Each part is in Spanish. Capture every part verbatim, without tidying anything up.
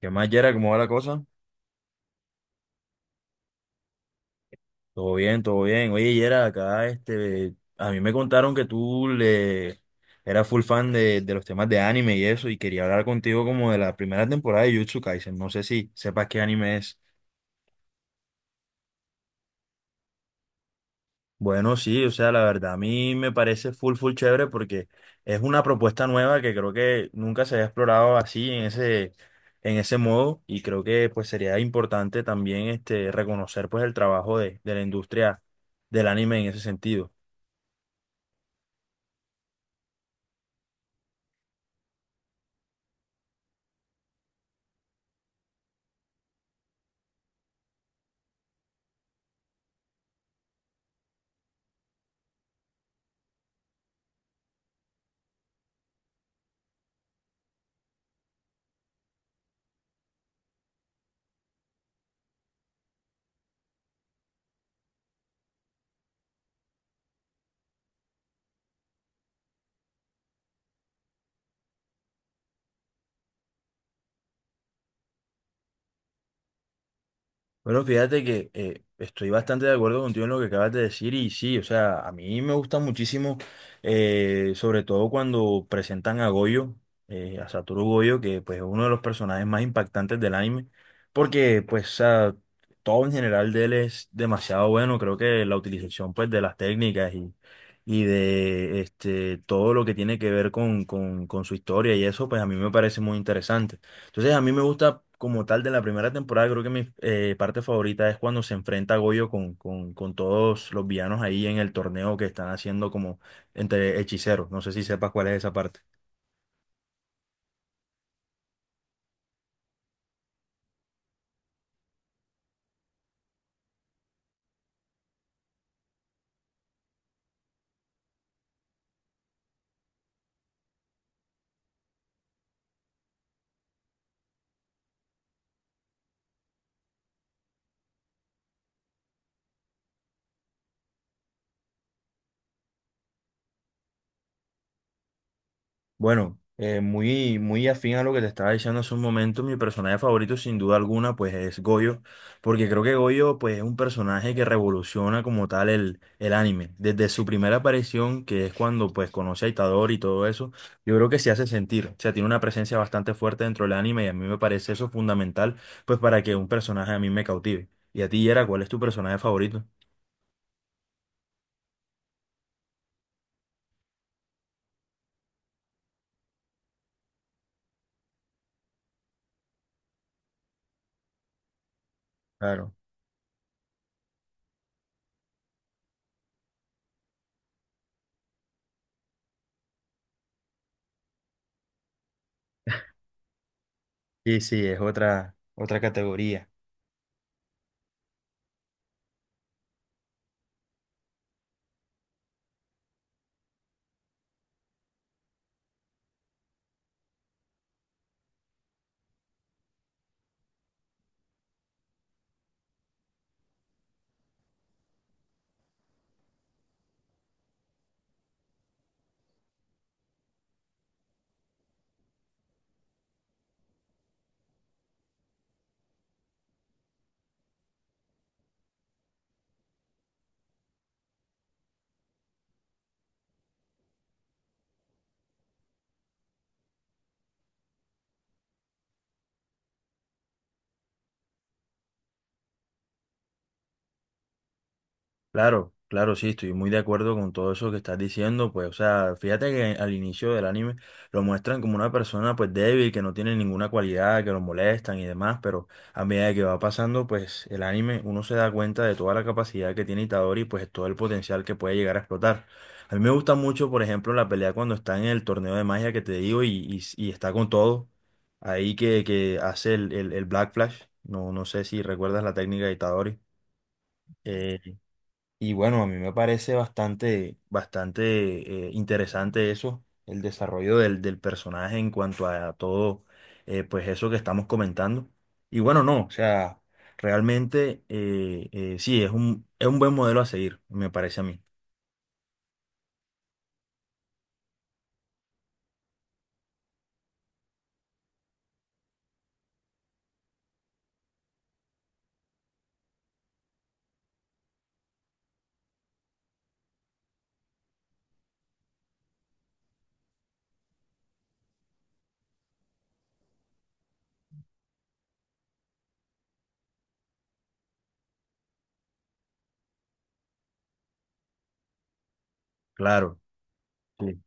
¿Qué más, Yera? ¿Cómo va la cosa? Todo bien, todo bien. Oye, Yera, acá este, a mí me contaron que tú le eras full fan de, de los temas de anime y eso, y quería hablar contigo como de la primera temporada de Jujutsu Kaisen. No sé si sepas qué anime es. Bueno, sí, o sea, la verdad, a mí me parece full, full chévere porque es una propuesta nueva que creo que nunca se había explorado así en ese, en ese modo, y creo que pues sería importante también este, reconocer pues el trabajo de, de la industria del anime en ese sentido. Bueno, fíjate que eh, estoy bastante de acuerdo contigo en lo que acabas de decir y sí, o sea, a mí me gusta muchísimo, eh, sobre todo cuando presentan a Goyo, eh, a Satoru Goyo, que pues es uno de los personajes más impactantes del anime, porque pues o sea, todo en general de él es demasiado bueno, creo que la utilización pues de las técnicas y, y de este, todo lo que tiene que ver con, con, con su historia y eso, pues a mí me parece muy interesante. Entonces, a mí me gusta como tal de la primera temporada, creo que mi eh, parte favorita es cuando se enfrenta a Goyo con, con, con todos los villanos ahí en el torneo que están haciendo como entre hechiceros. No sé si sepas cuál es esa parte. Bueno, eh, muy, muy afín a lo que te estaba diciendo hace un momento, mi personaje favorito sin duda alguna pues es Goyo, porque creo que Goyo pues es un personaje que revoluciona como tal el, el anime. Desde su primera aparición, que es cuando pues conoce a Itadori y todo eso, yo creo que se hace sentir, o sea, tiene una presencia bastante fuerte dentro del anime y a mí me parece eso fundamental pues para que un personaje a mí me cautive. Y a ti, Yera, ¿cuál es tu personaje favorito? Claro. Sí, sí, es otra, otra categoría. Claro, claro, sí, estoy muy de acuerdo con todo eso que estás diciendo, pues, o sea, fíjate que al inicio del anime lo muestran como una persona, pues, débil, que no tiene ninguna cualidad, que lo molestan y demás, pero a medida que va pasando, pues, el anime, uno se da cuenta de toda la capacidad que tiene Itadori, y, pues, todo el potencial que puede llegar a explotar. A mí me gusta mucho, por ejemplo, la pelea cuando está en el torneo de magia que te digo y, y, y está con todo, ahí que, que hace el, el, el Black Flash, no, no sé si recuerdas la técnica de Itadori. eh, y bueno, a mí me parece bastante, bastante eh, interesante eso, el desarrollo del, del personaje en cuanto a todo, eh, pues eso que estamos comentando. Y bueno, no, o sea, realmente eh, eh, sí, es un, es un buen modelo a seguir, me parece a mí. Claro, sí,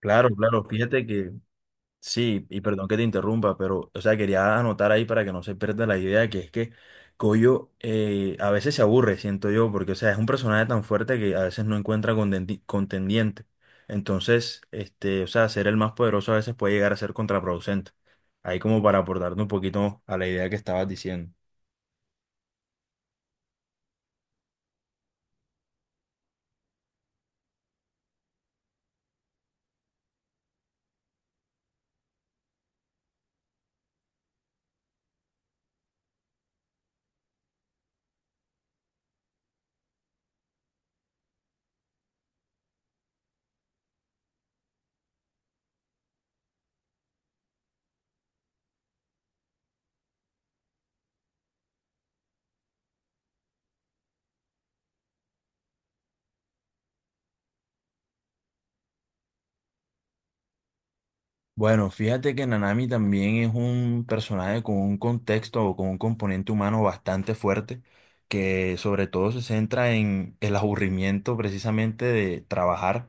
claro, claro. Fíjate que sí, y perdón que te interrumpa, pero, o sea, quería anotar ahí para que no se pierda la idea, que es que Coyo eh, a veces se aburre, siento yo, porque, o sea, es un personaje tan fuerte que a veces no encuentra contendi- contendiente. Entonces, este, o sea, ser el más poderoso a veces puede llegar a ser contraproducente. Ahí como para aportarte un poquito a la idea que estabas diciendo. Bueno, fíjate que Nanami también es un personaje con un contexto o con un componente humano bastante fuerte, que sobre todo se centra en el aburrimiento precisamente de trabajar.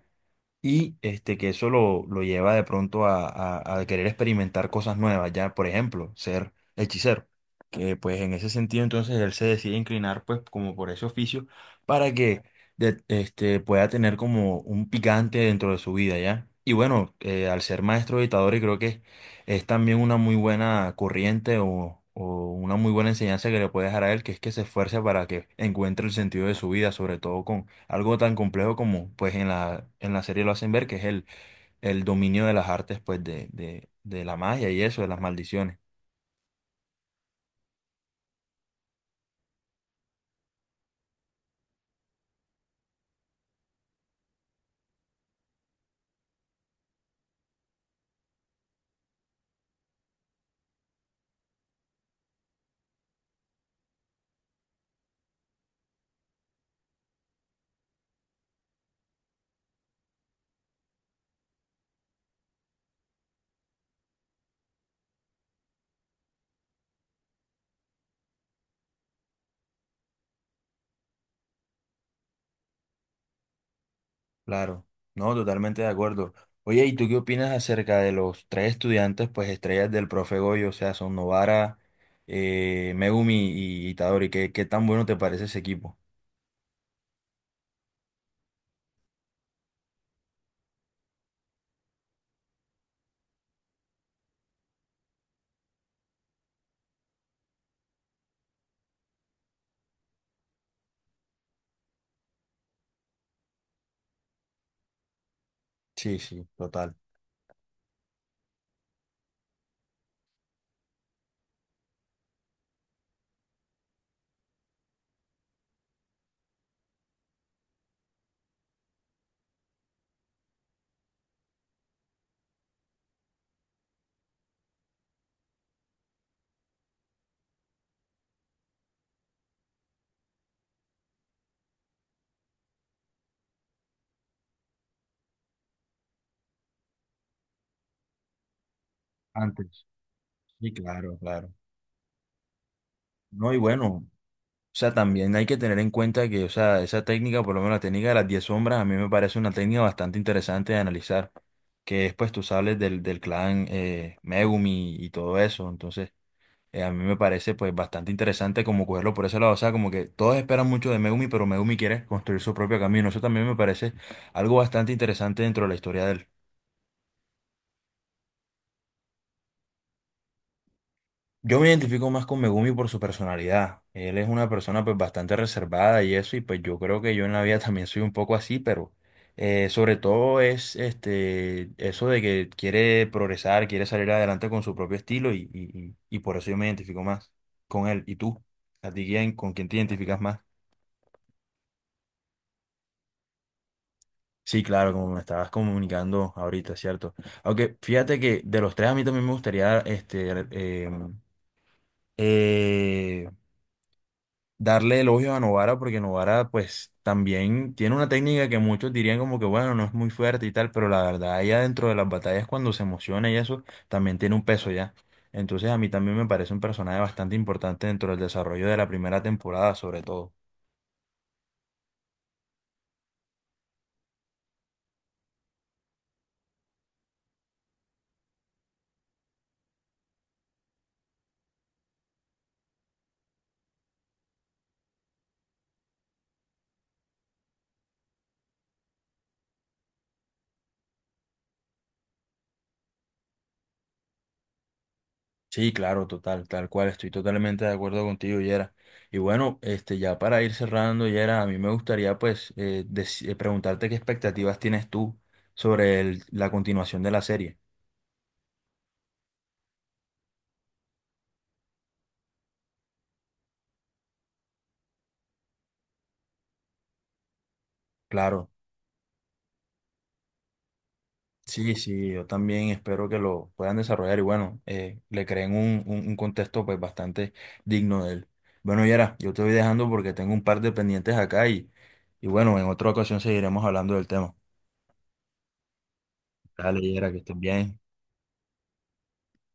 Y este, que eso lo, lo lleva de pronto a, a- a querer experimentar cosas nuevas, ya, por ejemplo, ser hechicero. Que pues en ese sentido entonces él se decide inclinar pues como por ese oficio para que de- este, pueda tener como un picante dentro de su vida, ya. Y bueno, eh, al ser maestro editador y creo que es también una muy buena corriente o, o una muy buena enseñanza que le puede dejar a él, que es que se esfuerce para que encuentre el sentido de su vida, sobre todo con algo tan complejo como pues en la, en la serie lo hacen ver, que es el, el dominio de las artes, pues de, de, de la magia y eso, de las maldiciones. Claro, no, totalmente de acuerdo. Oye, ¿y tú qué opinas acerca de los tres estudiantes, pues estrellas del profe Goyo? O sea, son Novara, eh, Megumi y Itadori. ¿Qué, qué tan bueno te parece ese equipo? Sí, sí, total. Antes. Sí, claro, claro. No, y bueno, o sea, también hay que tener en cuenta que, o sea, esa técnica, por lo menos la técnica de las diez sombras, a mí me parece una técnica bastante interesante de analizar, que es, pues, tú sabes del, del clan eh, Megumi y todo eso, entonces, eh, a mí me parece, pues, bastante interesante como cogerlo por ese lado, o sea, como que todos esperan mucho de Megumi, pero Megumi quiere construir su propio camino, eso también me parece algo bastante interesante dentro de la historia de él. Yo me identifico más con Megumi por su personalidad. Él es una persona pues bastante reservada y eso, y pues yo creo que yo en la vida también soy un poco así, pero eh, sobre todo es este eso de que quiere progresar, quiere salir adelante con su propio estilo y, y, y- y por eso yo me identifico más con él. ¿Y tú? ¿A ti quién, con quién te identificas más? Sí, claro, como me estabas comunicando ahorita, ¿cierto? Aunque fíjate que de los tres a mí también me gustaría este, em, eh, darle elogios a Novara porque Novara pues también tiene una técnica que muchos dirían como que bueno, no es muy fuerte y tal, pero la verdad ella dentro de las batallas cuando se emociona y eso también tiene un peso ya. Entonces a mí también me parece un personaje bastante importante dentro del desarrollo de la primera temporada sobre todo. Sí, claro, total, tal cual, estoy totalmente de acuerdo contigo, Yera. Y bueno, este, ya para ir cerrando, Yera, a mí me gustaría pues eh, deci- eh, preguntarte qué expectativas tienes tú sobre el- la continuación de la serie. Claro. Sí, sí, yo también espero que lo puedan desarrollar y bueno, eh, le creen un, un- un contexto pues bastante digno de él. Bueno, Yera, yo te voy dejando porque tengo un par de pendientes acá y, y bueno, en otra ocasión seguiremos hablando del tema. Dale, Yera, que estén bien.